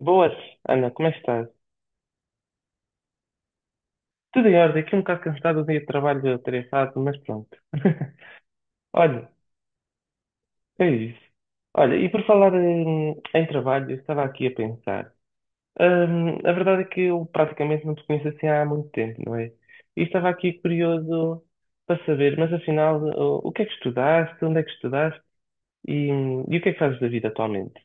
Boas, Ana, como é que estás? Tudo em ordem, aqui um bocado cansado do dia de trabalho atarefado, mas pronto. Olha, é isso. Olha, e por falar em trabalho, eu estava aqui a pensar. A verdade é que eu praticamente não te conheço assim há muito tempo, não é? E estava aqui curioso para saber, mas afinal, o que é que estudaste, onde é que estudaste e o que é que fazes da vida atualmente?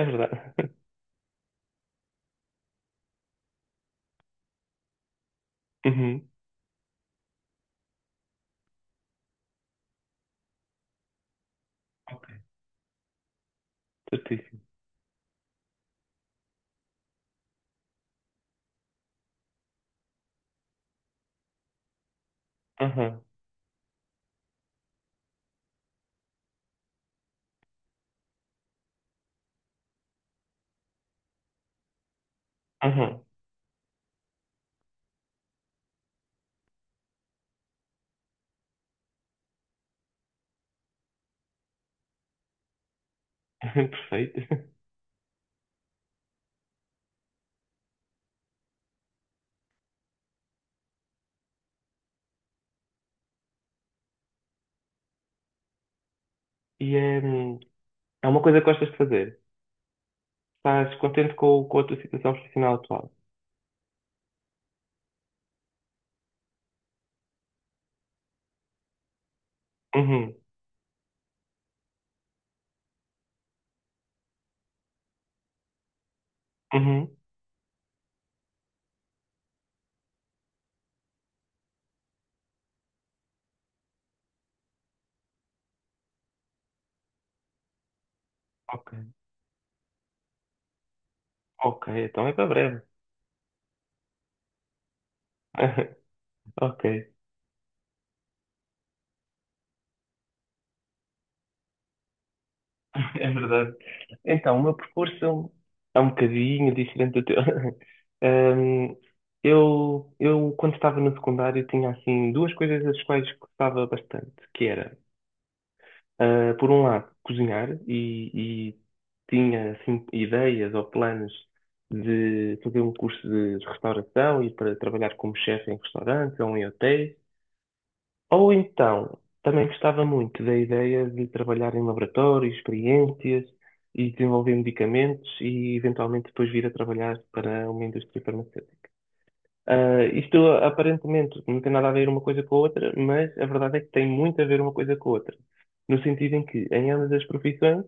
É verdade. Uhum. Ok. Certíssimo. Aham, aham. Perfeito. E, é uma coisa que gostas de fazer. Estás contente com a tua situação profissional atual? Uhum, uhum. Ok, ok, então é para breve. Ok, é verdade. Então, o meu percurso é um bocadinho diferente do teu. Hum, eu, quando estava no secundário, tinha assim duas coisas das quais gostava bastante, que era por um lado, cozinhar e tinha assim, ideias ou planos de fazer um curso de restauração e para trabalhar como chefe em restaurantes ou em hotéis. Ou então, também gostava muito da ideia de trabalhar em laboratórios, experiências e desenvolver medicamentos e eventualmente depois vir a trabalhar para uma indústria farmacêutica. Ah, isto aparentemente não tem nada a ver uma coisa com a outra, mas a verdade é que tem muito a ver uma coisa com a outra. No sentido em que, em ambas as profissões,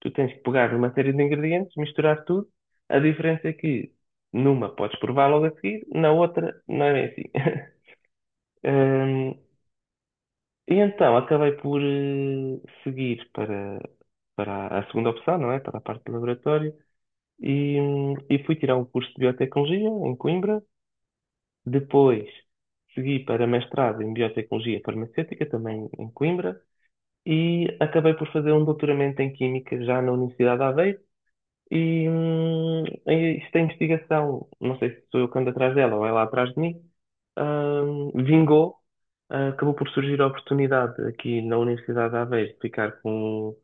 tu tens que pegar uma série de ingredientes, misturar tudo. A diferença é que numa podes provar logo a seguir, na outra não é bem assim. Hum, e então acabei por seguir para a segunda opção, não é? Para a parte do laboratório. E fui tirar um curso de biotecnologia em Coimbra. Depois segui para mestrado em Biotecnologia Farmacêutica, também em Coimbra, e acabei por fazer um doutoramento em Química já na Universidade de Aveiro, e esta investigação, não sei se sou eu que ando atrás dela ou ela atrás de mim, vingou. Ah, acabou por surgir a oportunidade aqui na Universidade de Aveiro de ficar com,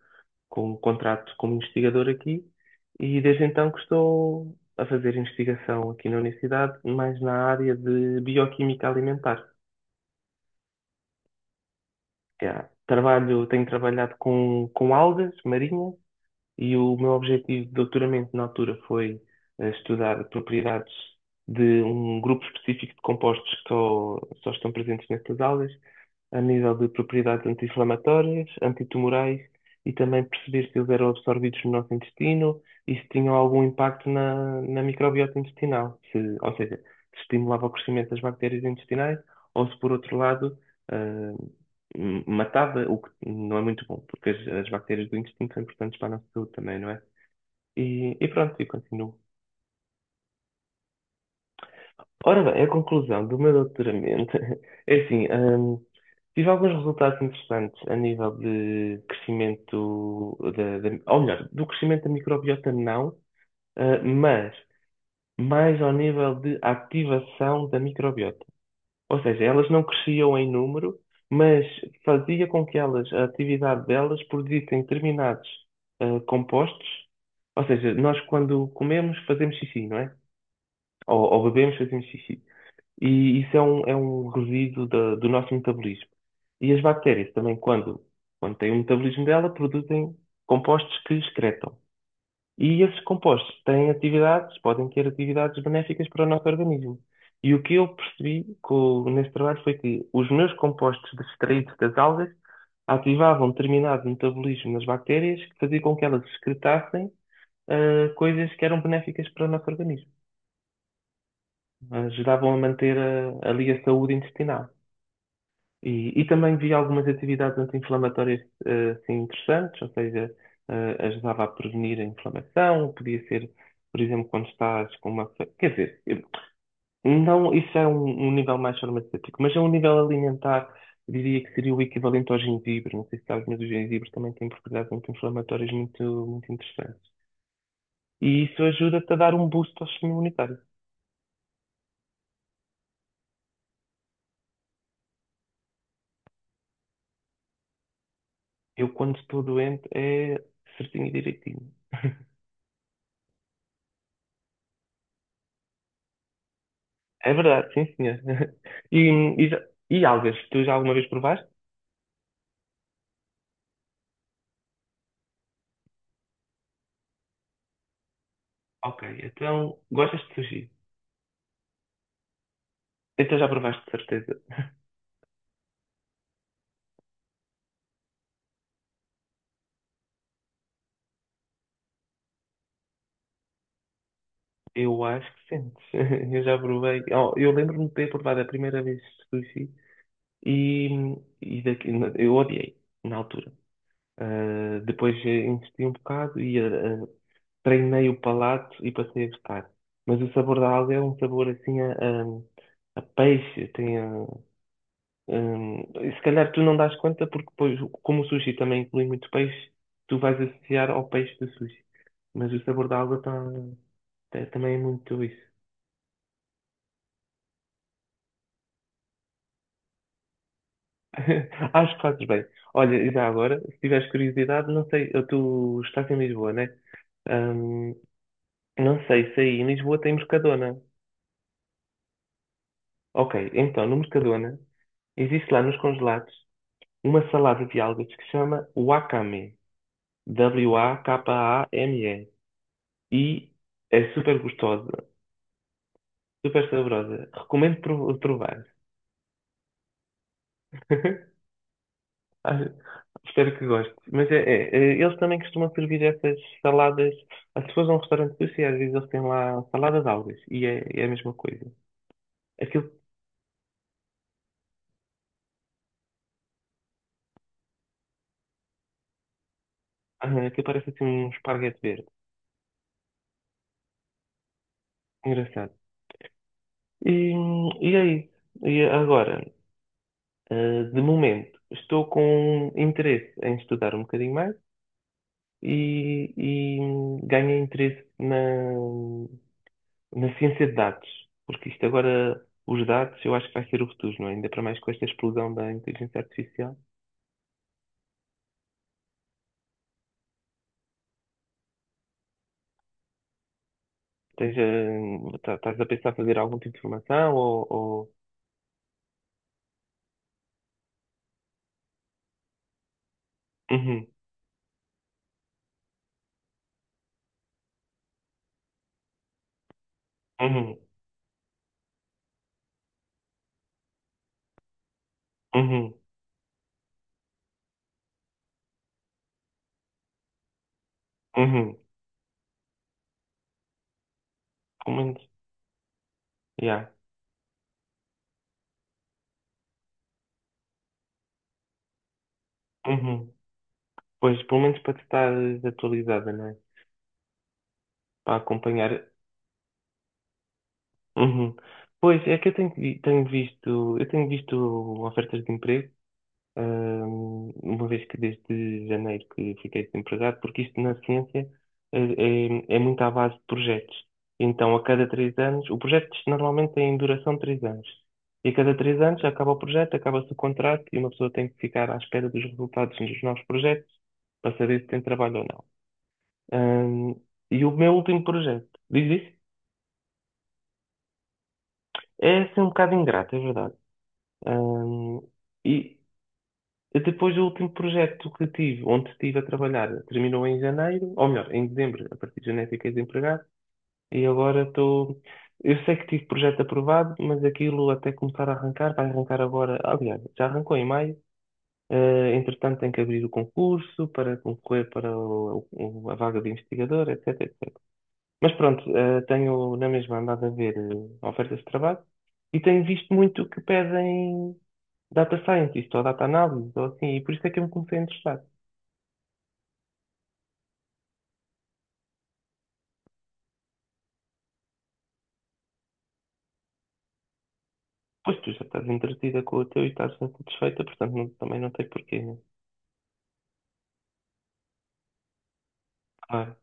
com um contrato como investigador aqui e desde então que estou a fazer investigação aqui na universidade, mais na área de bioquímica alimentar. Já trabalho, tenho trabalhado com algas marinhas. E o meu objetivo de doutoramento na altura foi estudar propriedades de um grupo específico de compostos que só estão presentes nestas aulas, a nível de propriedades anti-inflamatórias, antitumorais e também perceber se eles eram absorvidos no nosso intestino e se tinham algum impacto na microbiota intestinal, se, ou seja, se estimulava o crescimento das bactérias intestinais ou se, por outro lado, ah, matava, o que não é muito bom, porque as bactérias do intestino são importantes para a nossa saúde também, não é? E, pronto, e continuo. Ora bem, a conclusão do meu doutoramento é assim, tive alguns resultados interessantes a nível de crescimento, ou melhor, do crescimento da microbiota não, mas mais ao nível de ativação da microbiota. Ou seja, elas não cresciam em número, mas fazia com que elas, a atividade delas, produzissem determinados compostos. Ou seja, nós quando comemos fazemos xixi, não é? Ou bebemos fazemos xixi. E isso é um resíduo do nosso metabolismo. E as bactérias também, quando têm o metabolismo dela, produzem compostos que excretam. E esses compostos têm atividades, podem ter atividades benéficas para o nosso organismo. E o que eu percebi nesse trabalho foi que os meus compostos extraídos das algas ativavam determinado metabolismo nas bactérias que fazia com que elas excretassem coisas que eram benéficas para o nosso organismo. Ajudavam a manter ali a saúde intestinal. E também vi algumas atividades anti-inflamatórias assim, interessantes, ou seja, ajudava a prevenir a inflamação, podia ser, por exemplo, quando estás com Quer dizer, não, isso é um nível mais farmacêutico, mas é um nível alimentar, eu diria que seria o equivalente ao gengibre. Não sei se sabes, mas o gengibre também tem propriedades anti-inflamatórias muito, muito interessantes. E isso ajuda-te a dar um boost ao sistema imunitário. Eu, quando estou doente, é certinho e direitinho. É verdade, sim, senhor. E, e, já- e algas, tu já alguma vez provaste? Ok, então gostas de sushi? Então já provaste de certeza. Eu acho que sentes. Eu já provei. Oh, eu lembro-me de ter provado a primeira vez sushi e, e daqui, eu odiei na altura. Ah, depois investi um bocado e treinei o palato e passei a gostar. Mas o sabor da alga é um sabor assim a peixe, tem a. E se calhar tu não dás conta, porque depois, como o sushi também inclui muito peixe, tu vais associar ao peixe do sushi. Mas o sabor da água também é muito isso. Acho que fazes bem. Olha, e já agora, se tiveres curiosidade, não sei, tu estás em Lisboa, né? Hum, não sei se aí em Lisboa tem Mercadona. Ok, então no Mercadona existe lá nos congelados uma salada de algas que se chama wakame. Wakame. E é super gostosa, super saborosa. Recomendo provar. Acho- Espero que goste. Mas eles também costumam servir essas saladas. As pessoas vão a um restaurante sushi, às vezes eles têm lá salada de algas e é a mesma coisa. Aquilo, aquilo parece assim um esparguete verde. Engraçado. E, e é isso. E agora, de momento, estou com interesse em estudar um bocadinho mais e ganhei interesse na ciência de dados, porque isto agora, os dados, eu acho que vai ser o futuro, não é? Ainda para mais com esta explosão da inteligência artificial. Tens, estás a pensar fazer algum tipo de formação ou... Uhum, uhum, uhum, uhum. Pelo menos, yeah. Uhum. Pois, pelo menos para te estar atualizada, não é? Para acompanhar. Uhum. Pois, é que eu tenho, vi- tenho visto, eu tenho visto ofertas de emprego uma vez que desde janeiro que fiquei desempregado, porque isto na ciência eh, é muito à base de projetos. Então, a cada 3 anos, o projeto normalmente tem duração de 3 anos. E a cada 3 anos acaba o projeto, acaba-se o contrato e uma pessoa tem que ficar à espera dos resultados dos novos projetos para saber se tem trabalho ou não. Hum, e o meu último projeto, diz isso? É assim um bocado ingrato, é verdade. Hum, e Depois o último projeto que tive, onde estive a trabalhar, terminou em janeiro, ou melhor, em dezembro, a partir de janeiro fiquei desempregado, e agora estou. Eu sei que tive projeto aprovado, mas aquilo até começar a arrancar, vai arrancar agora, aliás, já arrancou em maio, entretanto tem que abrir o concurso para concorrer para a vaga de investigador, etc, mas pronto, tenho na mesma andado a ver ofertas de trabalho e tenho visto muito que pedem data scientist ou data analysis ou assim, e por isso é que eu me comecei a interessar. Pois tu já estás entretida com o teu e estás satisfeita, portanto também não tem porquê, né? Claro.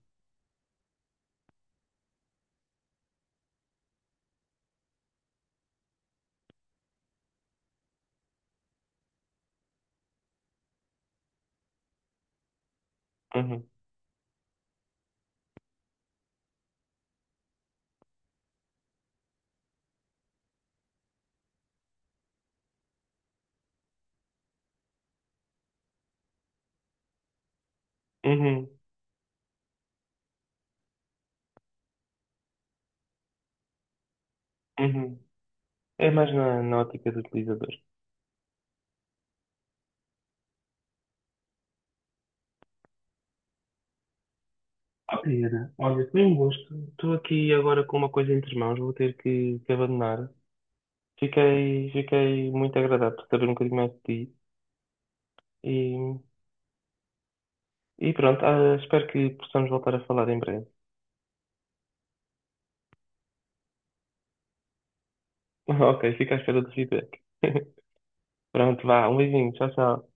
Uhum. Uhum. Uhum. É mais na ótica do utilizador. Ok, Ana, olha, foi um gosto. Estou aqui agora com uma coisa entre mãos, vou ter que abandonar. Fiquei muito agradado por saber um bocadinho mais de ti. E E pronto, espero que possamos voltar a falar em breve. Ok, fica à espera do feedback. Pronto, vá, um beijinho, tchau, tchau.